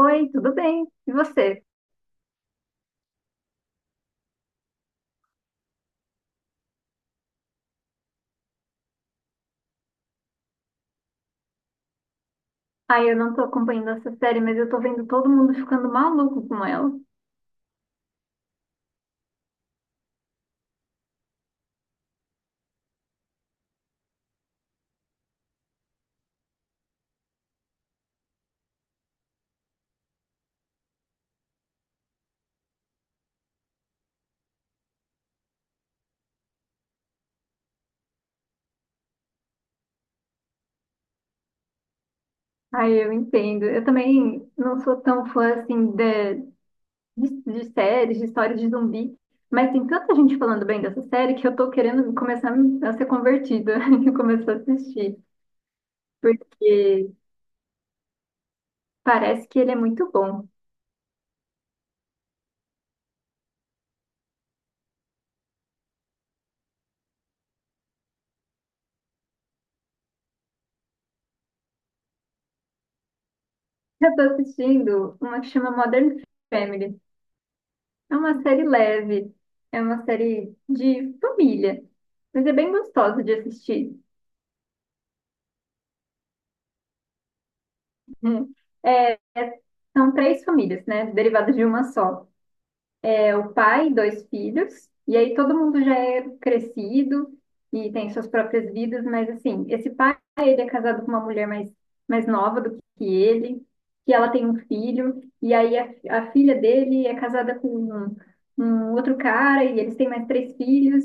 Oi, tudo bem? E você? Ai, eu não tô acompanhando essa série, mas eu tô vendo todo mundo ficando maluco com ela. Ai, eu entendo. Eu também não sou tão fã, assim, de séries, de histórias de zumbi, mas tem tanta gente falando bem dessa série que eu tô querendo começar a ser convertida e começar a assistir, porque parece que ele é muito bom. Eu tô assistindo uma que chama Modern Family. É uma série leve, é uma série de família, mas é bem gostosa de assistir. Hum. É, é- São três famílias, né? Derivadas de uma só. É o pai e dois filhos, e aí todo mundo já é crescido e tem suas próprias vidas, mas assim, esse pai, ele é casado com uma mulher mais nova do que ele, que ela tem um filho, e aí a filha dele é casada com um outro cara, e eles têm mais três filhos,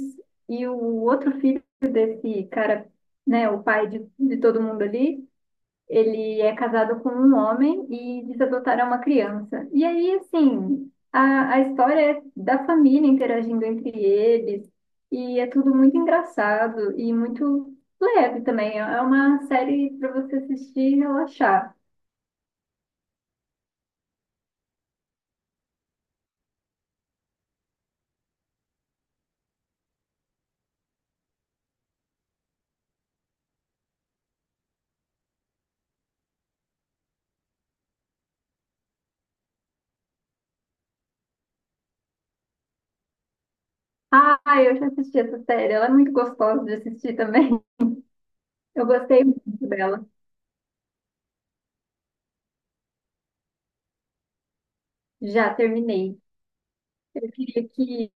e o outro filho desse cara, né, o pai de todo mundo ali, ele é casado com um homem e diz adotar uma criança. E aí, assim, a história é da família interagindo entre eles, e é tudo muito engraçado e muito leve também. É uma série para você assistir e relaxar. Ah, eu já assisti essa série, ela é muito gostosa de assistir também. Eu gostei muito dela. Já terminei. Eu queria que...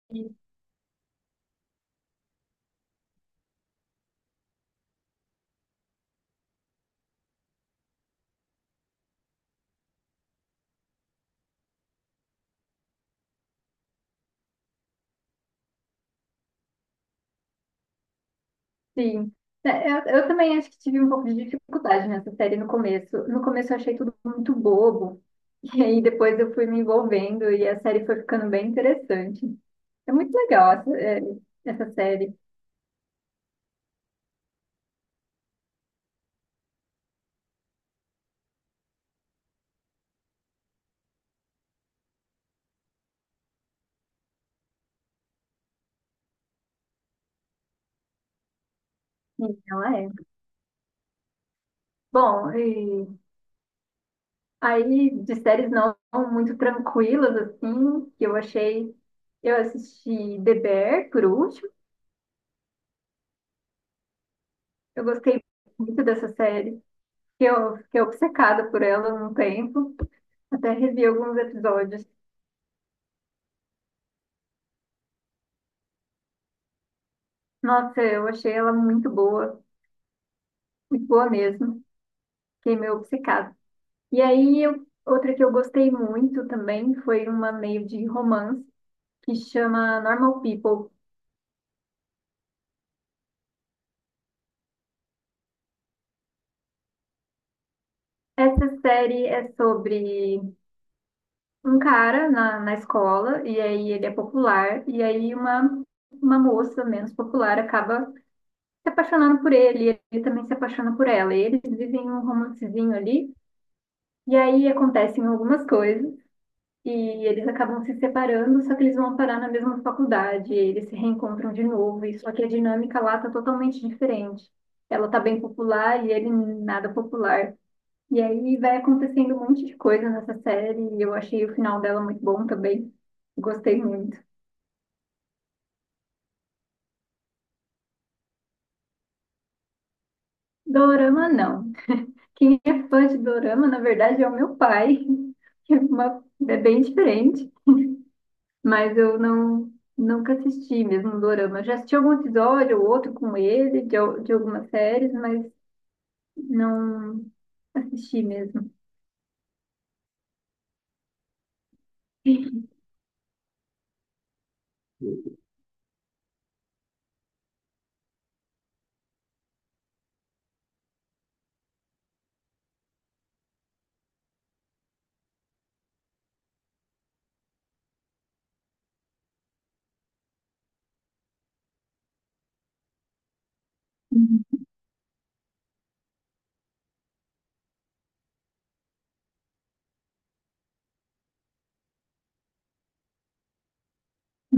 Sim. É, eu também acho que tive um pouco de dificuldade nessa série no começo. No começo eu achei tudo muito bobo. E aí depois eu fui me envolvendo e a série foi ficando bem interessante. É muito legal essa série. Sim, ela é. Bom, e aí de séries não muito tranquilas, assim, que eu achei. Eu assisti The Bear, por último. Eu gostei muito dessa série. Que Eu fiquei obcecada por ela num tempo. Até revi alguns episódios. Nossa, eu achei ela muito boa mesmo. Fiquei meio obcecada. E aí, outra que eu gostei muito também foi uma meio de romance que chama Normal People. Essa série é sobre um cara na escola, e aí ele é popular, e aí uma moça menos popular acaba se apaixonando por ele, e ele também se apaixona por ela. E eles vivem um romancezinho ali, e aí acontecem algumas coisas. E eles acabam se separando, só que eles vão parar na mesma faculdade, eles se reencontram de novo, e só que a dinâmica lá tá totalmente diferente. Ela tá bem popular e ele nada popular. E aí vai acontecendo um monte de coisa nessa série, e eu achei o final dela muito bom também. Gostei muito. Dorama não. Quem é fã de Dorama, na verdade, é o meu pai, que é, uma, é bem diferente. Mas eu não nunca assisti mesmo um dorama. Eu já assisti algum episódio ou outro com ele, de algumas séries, mas não assisti mesmo. Que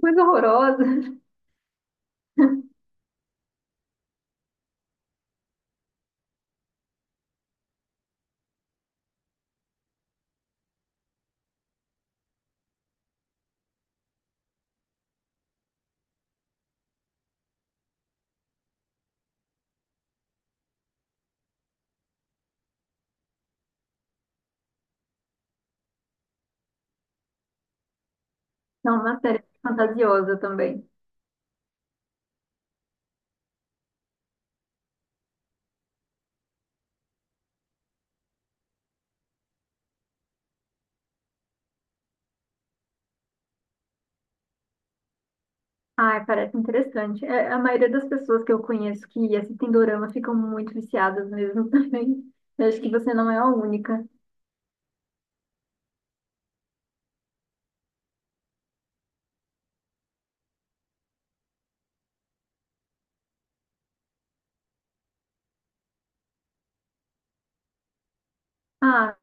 coisa horrorosa. Não, uma série fantasiosa também. Ai, parece interessante. É, a maioria das pessoas que eu conheço que assistem dorama ficam muito viciadas mesmo também. Eu acho que você não é a única. Ah,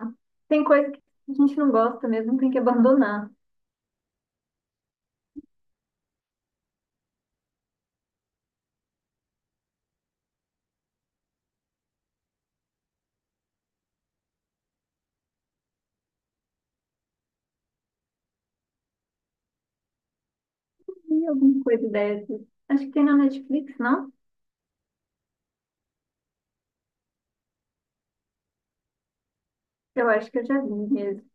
tem coisa que a gente não gosta mesmo, tem que abandonar. E alguma coisa dessas. Acho que tem na Netflix, não? Eu acho que eu já vi mesmo.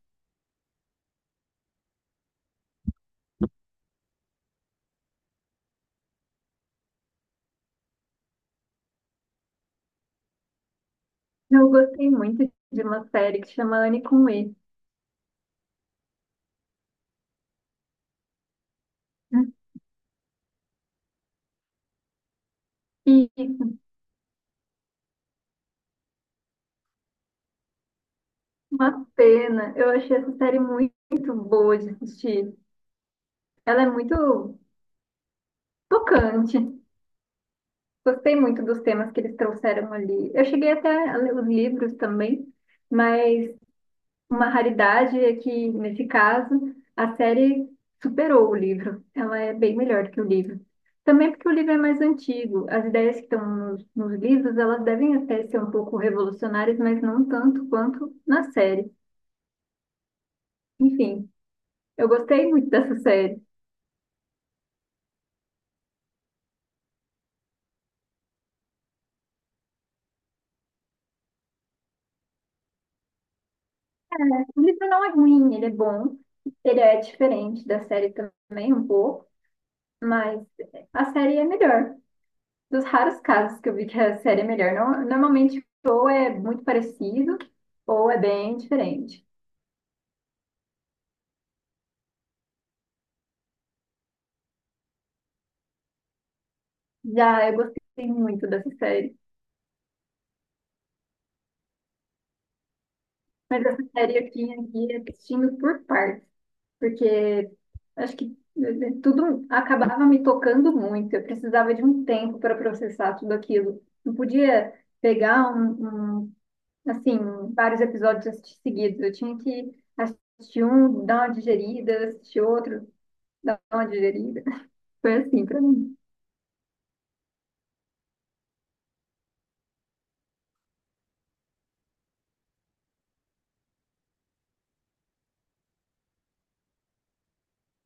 Eu gostei muito de uma série que chama Anne com E. E uma pena, eu achei essa série muito boa de assistir. Ela é muito tocante. Gostei muito dos temas que eles trouxeram ali. Eu cheguei até a ler os livros também, mas... Uma raridade é que, nesse caso, a série superou o livro. Ela é bem melhor do que o livro. Também porque o livro é mais antigo. As ideias que estão nos livros, elas devem até ser um pouco revolucionárias, mas não tanto quanto na série. Enfim, eu gostei muito dessa série. O livro não é ruim, ele é bom. Ele é diferente da série também, um pouco, mas a série é melhor. Dos raros casos que eu vi que a série é melhor. Normalmente, ou é muito parecido, ou é bem diferente. Já eu gostei muito dessa série. A série eu tinha aqui é assistindo por partes, porque acho que tudo acabava me tocando muito. Eu precisava de um tempo para processar tudo aquilo. Não podia pegar um, assim, vários episódios e assistir seguidos. Eu tinha que assistir um, dar uma digerida, assistir outro, dar uma digerida. Foi assim pra mim.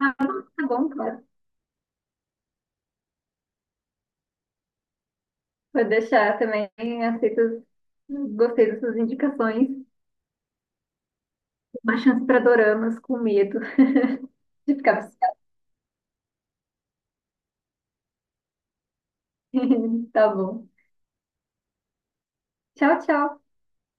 Ah, bom, tá bom, cara. Vou deixar também, aceito, gostei das suas indicações. Uma chance pra doramas com medo de ficar viciada. Tá bom. Tchau, tchau.